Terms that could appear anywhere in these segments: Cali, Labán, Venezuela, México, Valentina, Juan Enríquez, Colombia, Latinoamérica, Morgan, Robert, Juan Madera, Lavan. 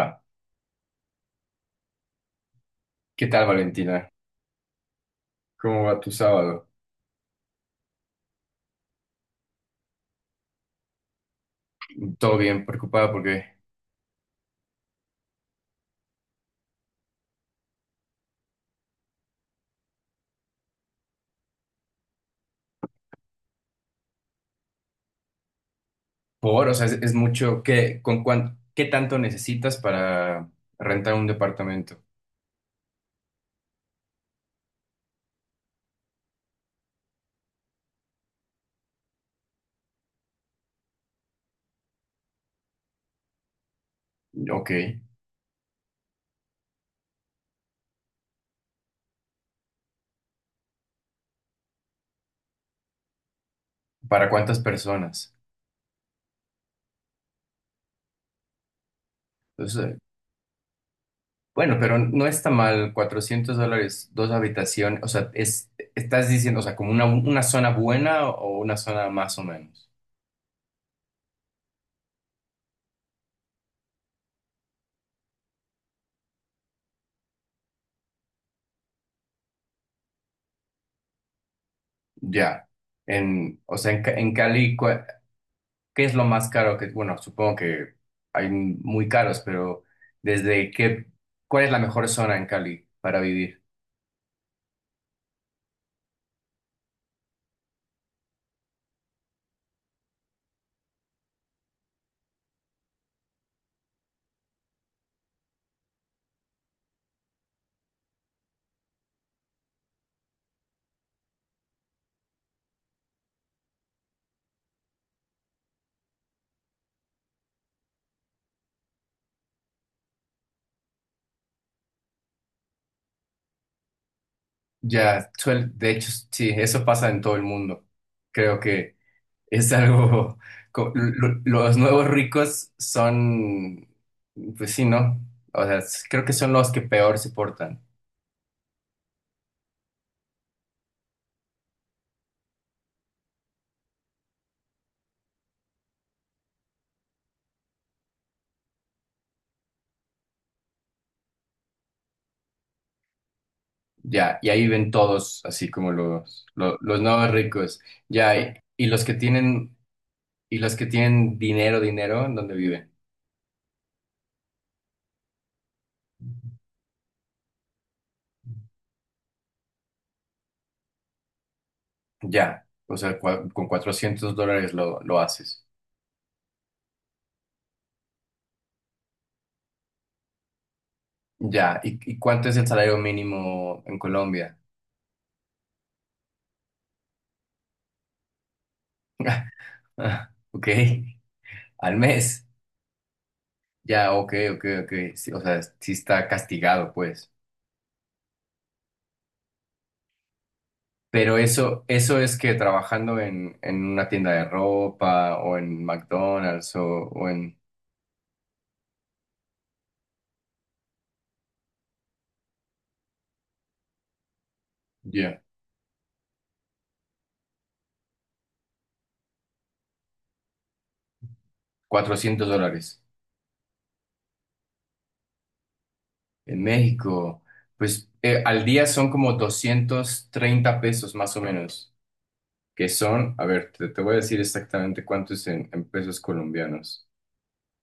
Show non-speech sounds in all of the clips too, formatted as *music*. Va. ¿Qué tal, Valentina? ¿Cómo va tu sábado? ¿Todo bien? ¿Preocupada porque por, o sea, es mucho? ¿Qué, qué tanto necesitas para rentar un departamento? Ok. ¿Para cuántas personas? Entonces, bueno, pero no está mal, $400, dos habitaciones, o sea, es, estás diciendo, o sea, como una zona buena o una zona más o menos. Ya. O sea, en Cali, ¿qué es lo más caro que, bueno, supongo que hay muy caros, pero desde qué, cuál es la mejor zona en Cali para vivir? Ya, de hecho, sí, eso pasa en todo el mundo. Creo que es *laughs* algo, los nuevos ricos son, pues sí, ¿no? O sea, creo que son los que peor se portan. Ya, y ahí ven todos, así como los nuevos ricos. Ya, y los que tienen, y los que tienen dinero, dinero, ¿en dónde viven? Ya, o sea, con $400 lo haces. Ya, ¿y, y cuánto es el salario mínimo en Colombia? *laughs* Ah, ok, al mes. Ya, ok, ok, ok. Sí, o sea, sí está castigado, pues. Pero eso es que trabajando en una tienda de ropa o en McDonald's o en… Ya, $400. En México, pues al día son como 230 pesos más o menos, que son, a ver, te voy a decir exactamente cuánto es en pesos colombianos.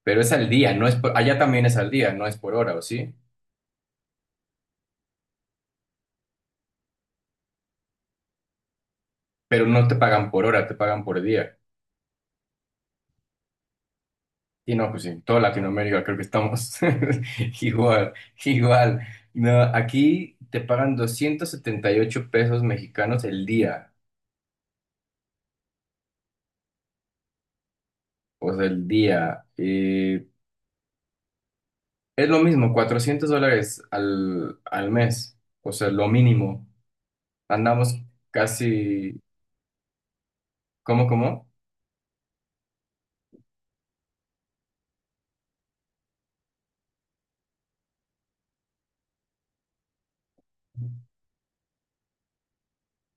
Pero es al día, no es por, allá también es al día, no es por hora, ¿o sí? Pero no te pagan por hora, te pagan por día. Y no, pues sí, en toda Latinoamérica creo que estamos *laughs* igual, igual. No, aquí te pagan 278 pesos mexicanos el día, o sea, el día. Es lo mismo, $400 al mes, o sea, lo mínimo. Andamos casi, ¿cómo, cómo?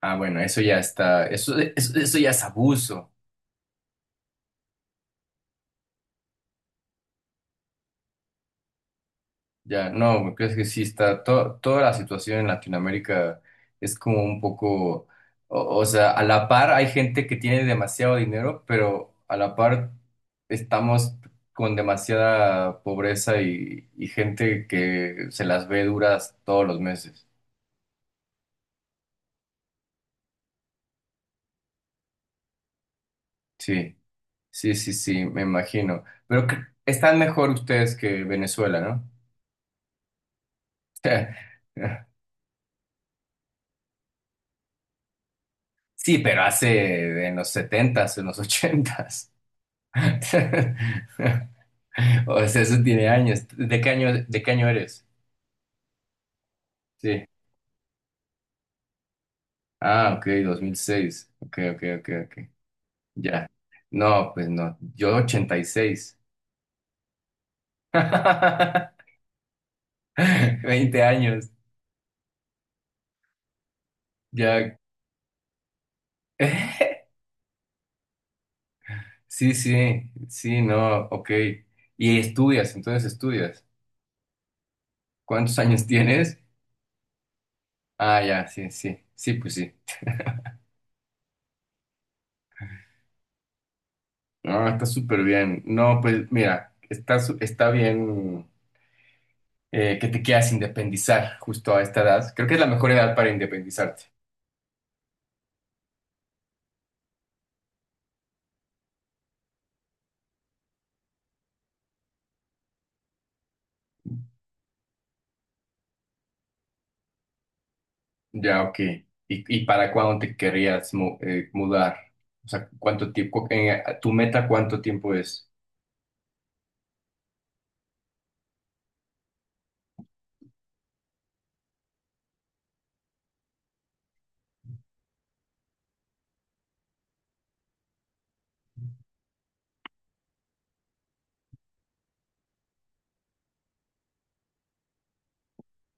Ah, bueno, eso ya está, eso ya es abuso. Ya, no, me parece que sí está, toda la situación en Latinoamérica es como un poco, o sea, a la par hay gente que tiene demasiado dinero, pero a la par estamos con demasiada pobreza y gente que se las ve duras todos los meses. Sí, sí, me imagino. Pero están mejor ustedes que Venezuela, ¿no? *laughs* Sí, pero hace en los 70, en los 80. *laughs* O sea, eso tiene años. De qué año eres? Sí. Ah, ok, 2006. Ok, ok, ok, ok. Ya. No, pues no. Yo, 86. *laughs* 20 años. Ya. *laughs* Sí, sí, sí, no, ok. Y estudias, entonces estudias. ¿Cuántos años tienes? Ah, ya, sí, sí. Sí, pues sí. No, está súper bien. No, pues mira, está, está bien, que te quieras independizar justo a esta edad. Creo que es la mejor edad para independizarte. Ya, ok. Y para cuándo te querrías mudar? O sea, ¿cuánto tiempo? ¿Tu meta cuánto tiempo es?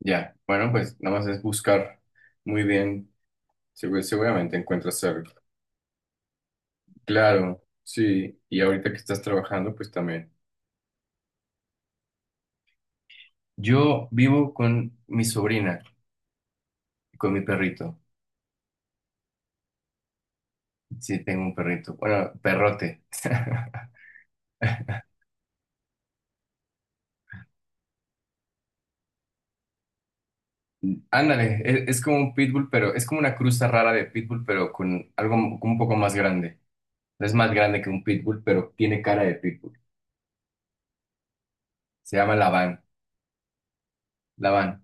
Ya, bueno, pues nada más es buscar muy bien. Seguramente encuentras algo. Claro, sí. Y ahorita que estás trabajando, pues también. Yo vivo con mi sobrina, con mi perrito. Sí, tengo un perrito. Bueno, perrote. *laughs* Ándale, es, como un pitbull, pero es como una cruza rara de pitbull, pero con algo un poco más grande. No es más grande que un pitbull, pero tiene cara de pitbull. Se llama Lavan. Lavan.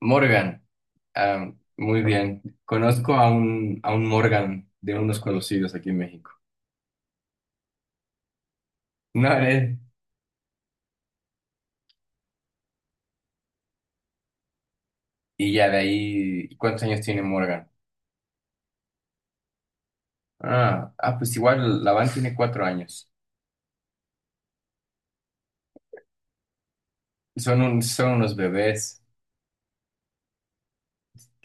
Morgan. Ah, muy bien. Conozco a un Morgan de unos conocidos aquí en México. No, él. Y ya de ahí, ¿cuántos años tiene Morgan? Ah, ah, pues igual Lavan tiene 4 años. Son unos bebés.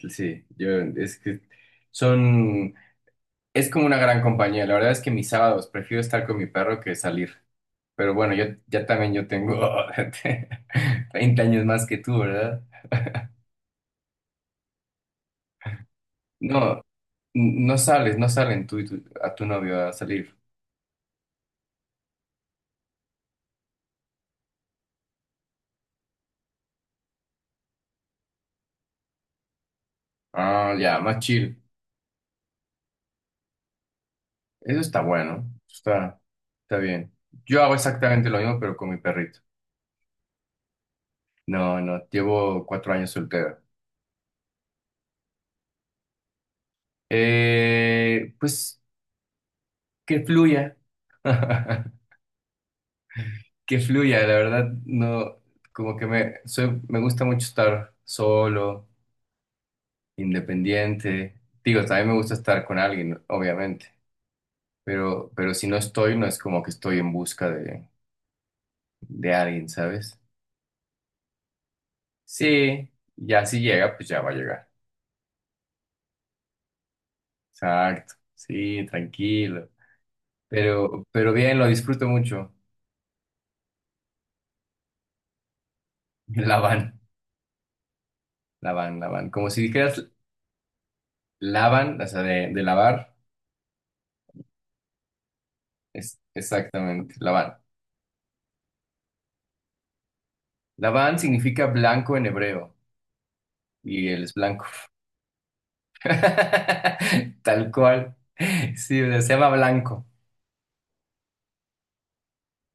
Sí, yo es que son, es como una gran compañía. La verdad es que mis sábados prefiero estar con mi perro que salir. Pero bueno, yo ya también yo tengo *laughs* 20 años más que tú, ¿verdad? No, no sales, no salen tú y tu, a tu novio a salir. Ah, ya, más chill. Eso está bueno, está, está bien. Yo hago exactamente lo mismo, pero con mi perrito. No, no, llevo 4 años soltero. Pues que fluya. *laughs* Que fluya, la verdad, no, como que me, soy, me gusta mucho estar solo, independiente. Digo, también me gusta estar con alguien, obviamente, pero si no estoy, no es como que estoy en busca de alguien, ¿sabes? Sí, ya si llega, pues ya va a llegar. Exacto, sí, tranquilo. Pero bien, lo disfruto mucho. *laughs* Lavan, lavan. Como si dijeras lavan, o sea, de lavar. Es, exactamente, lavan. Labán significa blanco en hebreo y él es blanco. *laughs* Tal cual. Sí, o sea, se llama blanco.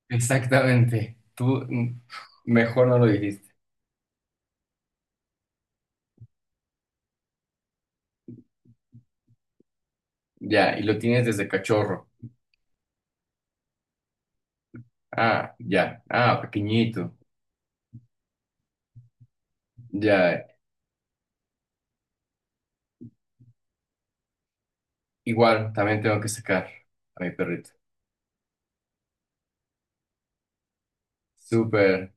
Exactamente. Tú mejor no lo dijiste. Ya, y lo tienes desde cachorro. Ah, ya. Ah, pequeñito. Ya. Igual, también tengo que sacar a mi perrito. Súper.